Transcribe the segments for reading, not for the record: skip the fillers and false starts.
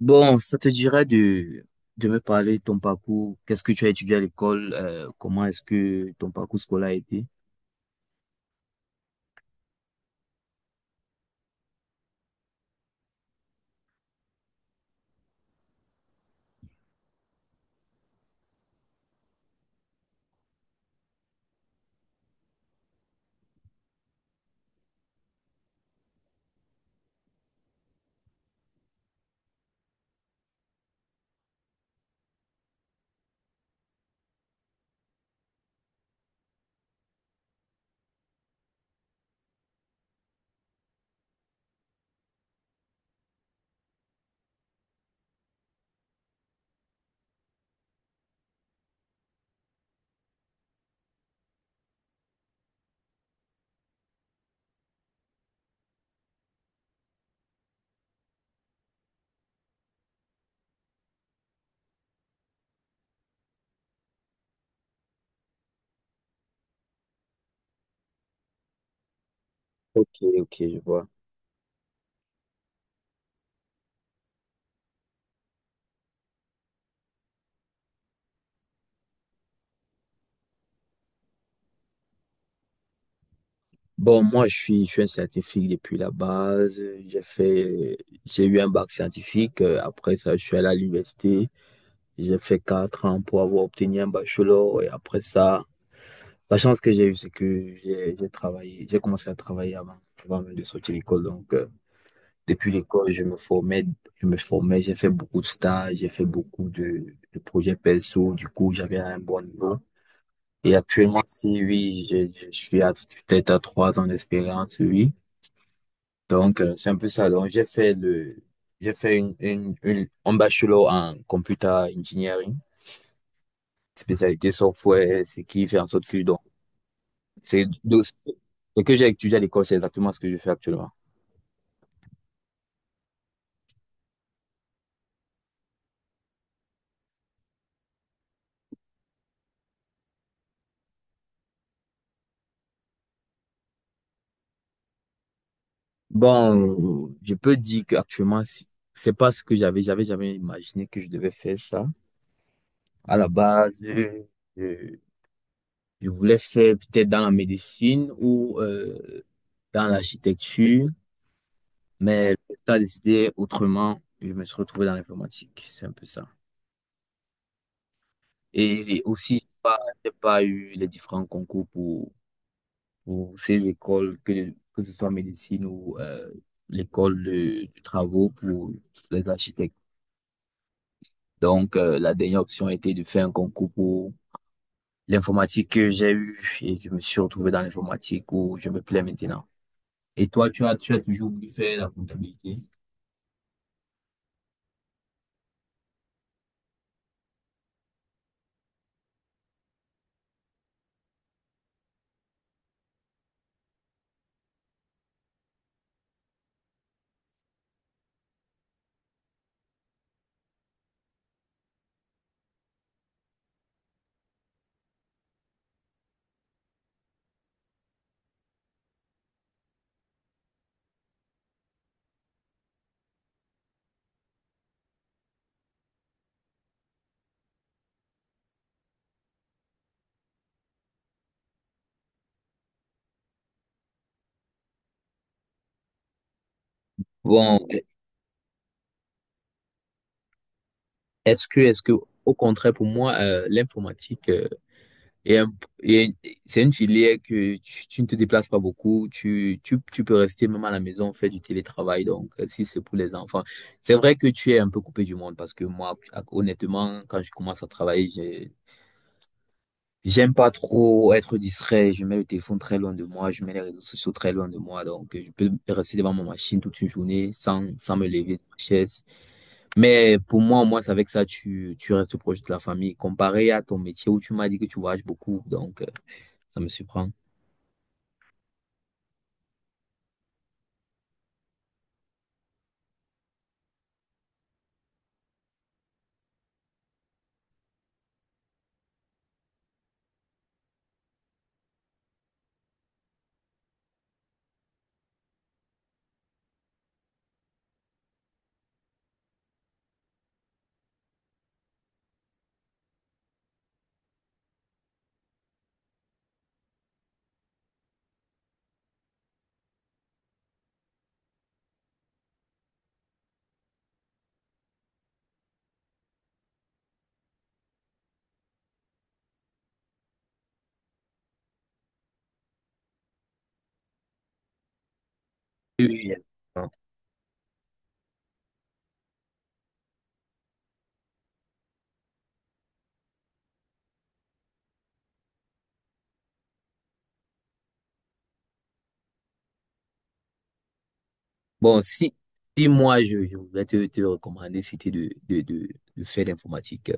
Bon, ça te dirait de me parler de ton parcours? Qu'est-ce que tu as étudié à l'école? Comment est-ce que ton parcours scolaire a été? Ok, ok, je vois. Bon, moi, je suis un scientifique depuis la base. J'ai fait, j'ai eu un bac scientifique. Après ça, je suis allé à l'université. J'ai fait quatre ans pour avoir obtenu un bachelor. Et après ça, la chance que j'ai eue, c'est que j'ai travaillé, j'ai commencé à travailler avant, avant même de sortir de l'école. Donc, depuis l'école, je me formais, j'ai fait beaucoup de stages, j'ai fait beaucoup de projets perso. Du coup, j'avais un bon niveau. Et actuellement, si oui, je suis peut-être à trois ans d'expérience, oui. Donc, c'est un peu ça. Donc, j'ai fait un bachelor en computer engineering, spécialité software, ce qui fait en sorte que, donc, donc, ce que j'ai étudié à l'école, c'est exactement ce que je fais actuellement. Bon, je peux dire qu'actuellement, c'est pas ce que j'avais jamais imaginé que je devais faire ça. À la base, je- je voulais faire peut-être dans la médecine ou dans l'architecture, mais ça a décidé autrement. Je me suis retrouvé dans l'informatique, c'est un peu ça. Et aussi, j'ai pas eu les différents concours pour ces écoles, que ce soit médecine ou l'école de travaux pour les architectes. Donc, la dernière option était de faire un concours pour l'informatique que j'ai eu, et je me suis retrouvé dans l'informatique où je me plais maintenant. Et toi, tu as toujours voulu faire la comptabilité? Bon, est-ce que, est-ce que, au contraire, pour moi, l'informatique, euh, est un- est- c'est une filière que tu ne te déplaces pas beaucoup, tu peux rester même à la maison, faire du télétravail. Donc, si c'est pour les enfants, c'est vrai que tu es un peu coupé du monde, parce que moi, honnêtement, quand je commence à travailler, j'aime pas trop être distrait. Je mets le téléphone très loin de moi. Je mets les réseaux sociaux très loin de moi. Donc, je peux rester devant ma machine toute une journée sans, sans me lever de ma chaise. Mais pour moi, au moins, c'est avec ça, tu restes proche de la famille. Comparé à ton métier où tu m'as dit que tu voyages beaucoup. Donc, ça me surprend. Oui, oui, oui. Bon, si moi, je voudrais te, te recommander, c'était de faire l'informatique.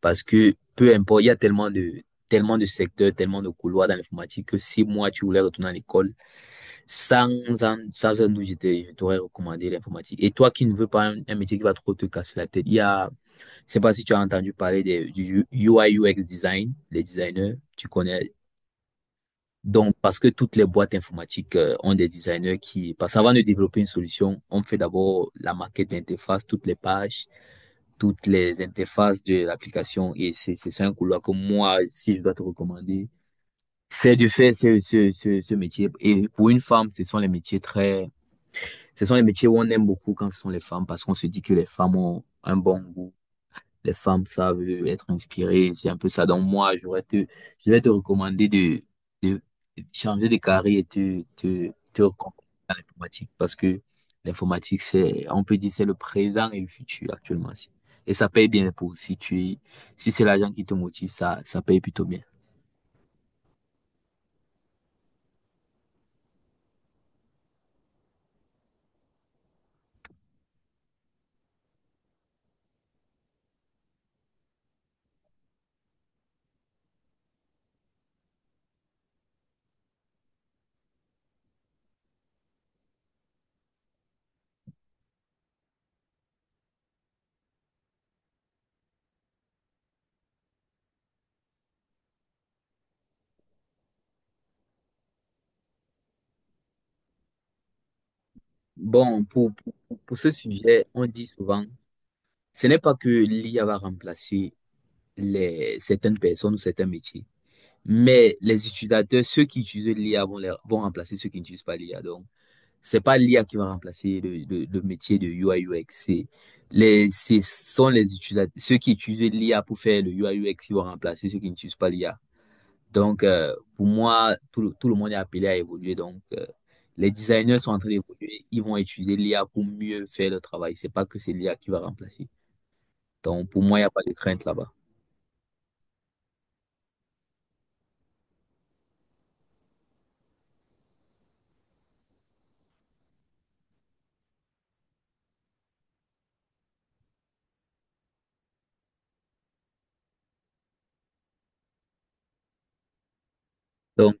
Parce que peu importe, il y a tellement de secteurs, tellement de couloirs dans l'informatique, que si moi, tu voulais retourner à l'école, Sans, sans un doute, je t'aurais recommandé l'informatique. Et toi qui ne veux pas un métier qui va trop te casser la tête, je sais pas si tu as entendu parler des, du UI UX design, les designers, tu connais. Donc, parce que toutes les boîtes informatiques ont des designers qui, parce qu'avant de développer une solution, on fait d'abord la maquette d'interface, toutes les pages, toutes les interfaces de l'application. Et c'est ça un couloir que moi, si je dois te recommander, c'est de faire ce métier. Et pour une femme, ce sont les métiers où on aime beaucoup quand ce sont les femmes, parce qu'on se dit que les femmes ont un bon goût. Les femmes savent être inspirées. C'est un peu ça. Donc moi, je vais te recommander de changer de carrière et te recommander dans l'informatique, parce que l'informatique, c'est, on peut dire, c'est le présent et le futur actuellement. Si. Et ça paye bien, pour si tu, es- si c'est l'argent qui te motive, ça paye plutôt bien. Bon, pour ce sujet, on dit souvent, ce n'est pas que l'IA va remplacer les, certaines personnes ou certains métiers. Mais les utilisateurs, ceux qui utilisent l'IA vont remplacer ceux qui n'utilisent pas l'IA. Donc, c'est pas l'IA qui va remplacer le métier de UI UX. C'est les, ce sont les utilisateurs, ceux qui utilisent l'IA pour faire le UI UX, qui vont remplacer ceux qui n'utilisent pas l'IA. Donc, pour moi, tout le monde est appelé à évoluer. Donc, les designers sont en train d'évoluer. Ils vont utiliser l'IA pour mieux faire le travail. C'est pas que c'est l'IA qui va remplacer. Donc, pour moi, il n'y a pas de crainte là-bas. Donc,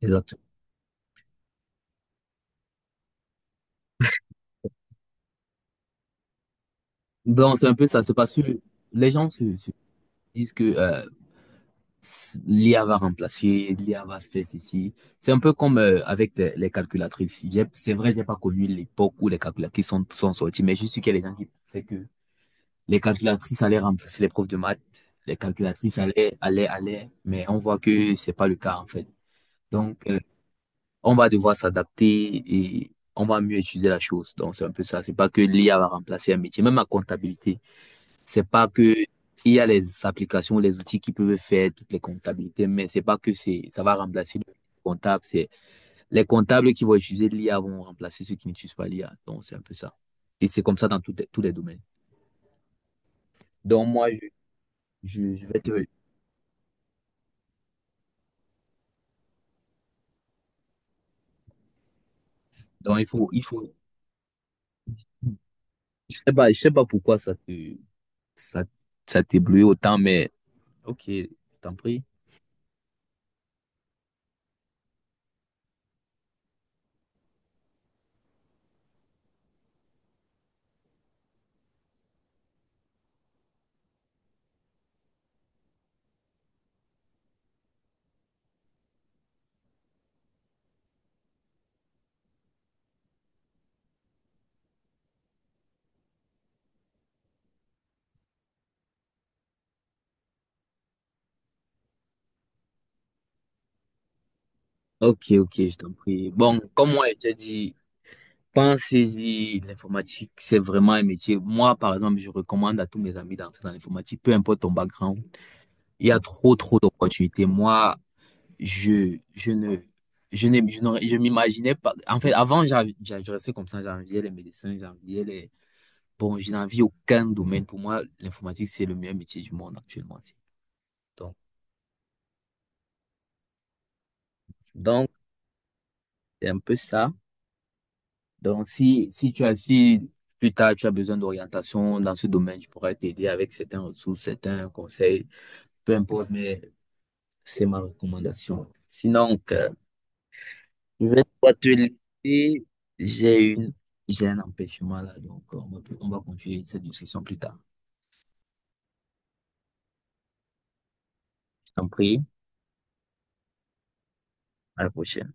exactement. Donc, c'est un peu ça. C'est parce que les gens se disent que l'IA va remplacer, l'IA va se faire ceci. C'est un peu comme avec les calculatrices. C'est vrai, j'ai pas connu l'époque où les calculatrices sont sorties, mais je suis qu'il y a des gens qui pensaient que les calculatrices allaient remplacer les profs de maths, les calculatrices allaient, mais on voit que c'est pas le cas, en fait. Donc, on va devoir s'adapter, et on va mieux étudier la chose. Donc, c'est un peu ça. C'est pas que l'IA va remplacer un métier, même la comptabilité. C'est pas que il y a les applications, les outils qui peuvent faire toutes les comptabilités, mais c'est pas que c'est ça va remplacer le comptable. C'est les comptables qui vont utiliser l'IA vont remplacer ceux qui n'utilisent pas l'IA. Donc c'est un peu ça. Et c'est comme ça dans tous les domaines. Donc moi je vais te donc il faut je sais pas pourquoi ça te ça ça t'éblouit autant, mais ok, je t'en prie. Ok, ok, je t'en prie. Bon, comme moi je t'ai dit, pensez-y, l'informatique, c'est vraiment un métier. Moi, par exemple, je recommande à tous mes amis d'entrer dans l'informatique, peu importe ton background. Il y a trop, trop d'opportunités. Moi, je, je ne, je n'ai- je n'aurais- je m'imaginais pas. En fait, avant, je restais comme ça, j'enviais les médecins, j'enviais les. Bon, je n'envie aucun domaine. Pour moi, l'informatique, c'est le meilleur métier du monde actuellement. Donc, donc, c'est un peu ça. Donc, si tu as, si plus tard tu as besoin d'orientation dans ce domaine, je pourrais t'aider avec certaines ressources, certains conseils, peu importe, mais c'est ma recommandation. Sinon, que je vais pas te laisser. J'ai une, j'ai un empêchement là, donc on va continuer cette discussion plus tard. Je t'en prie, à la prochaine.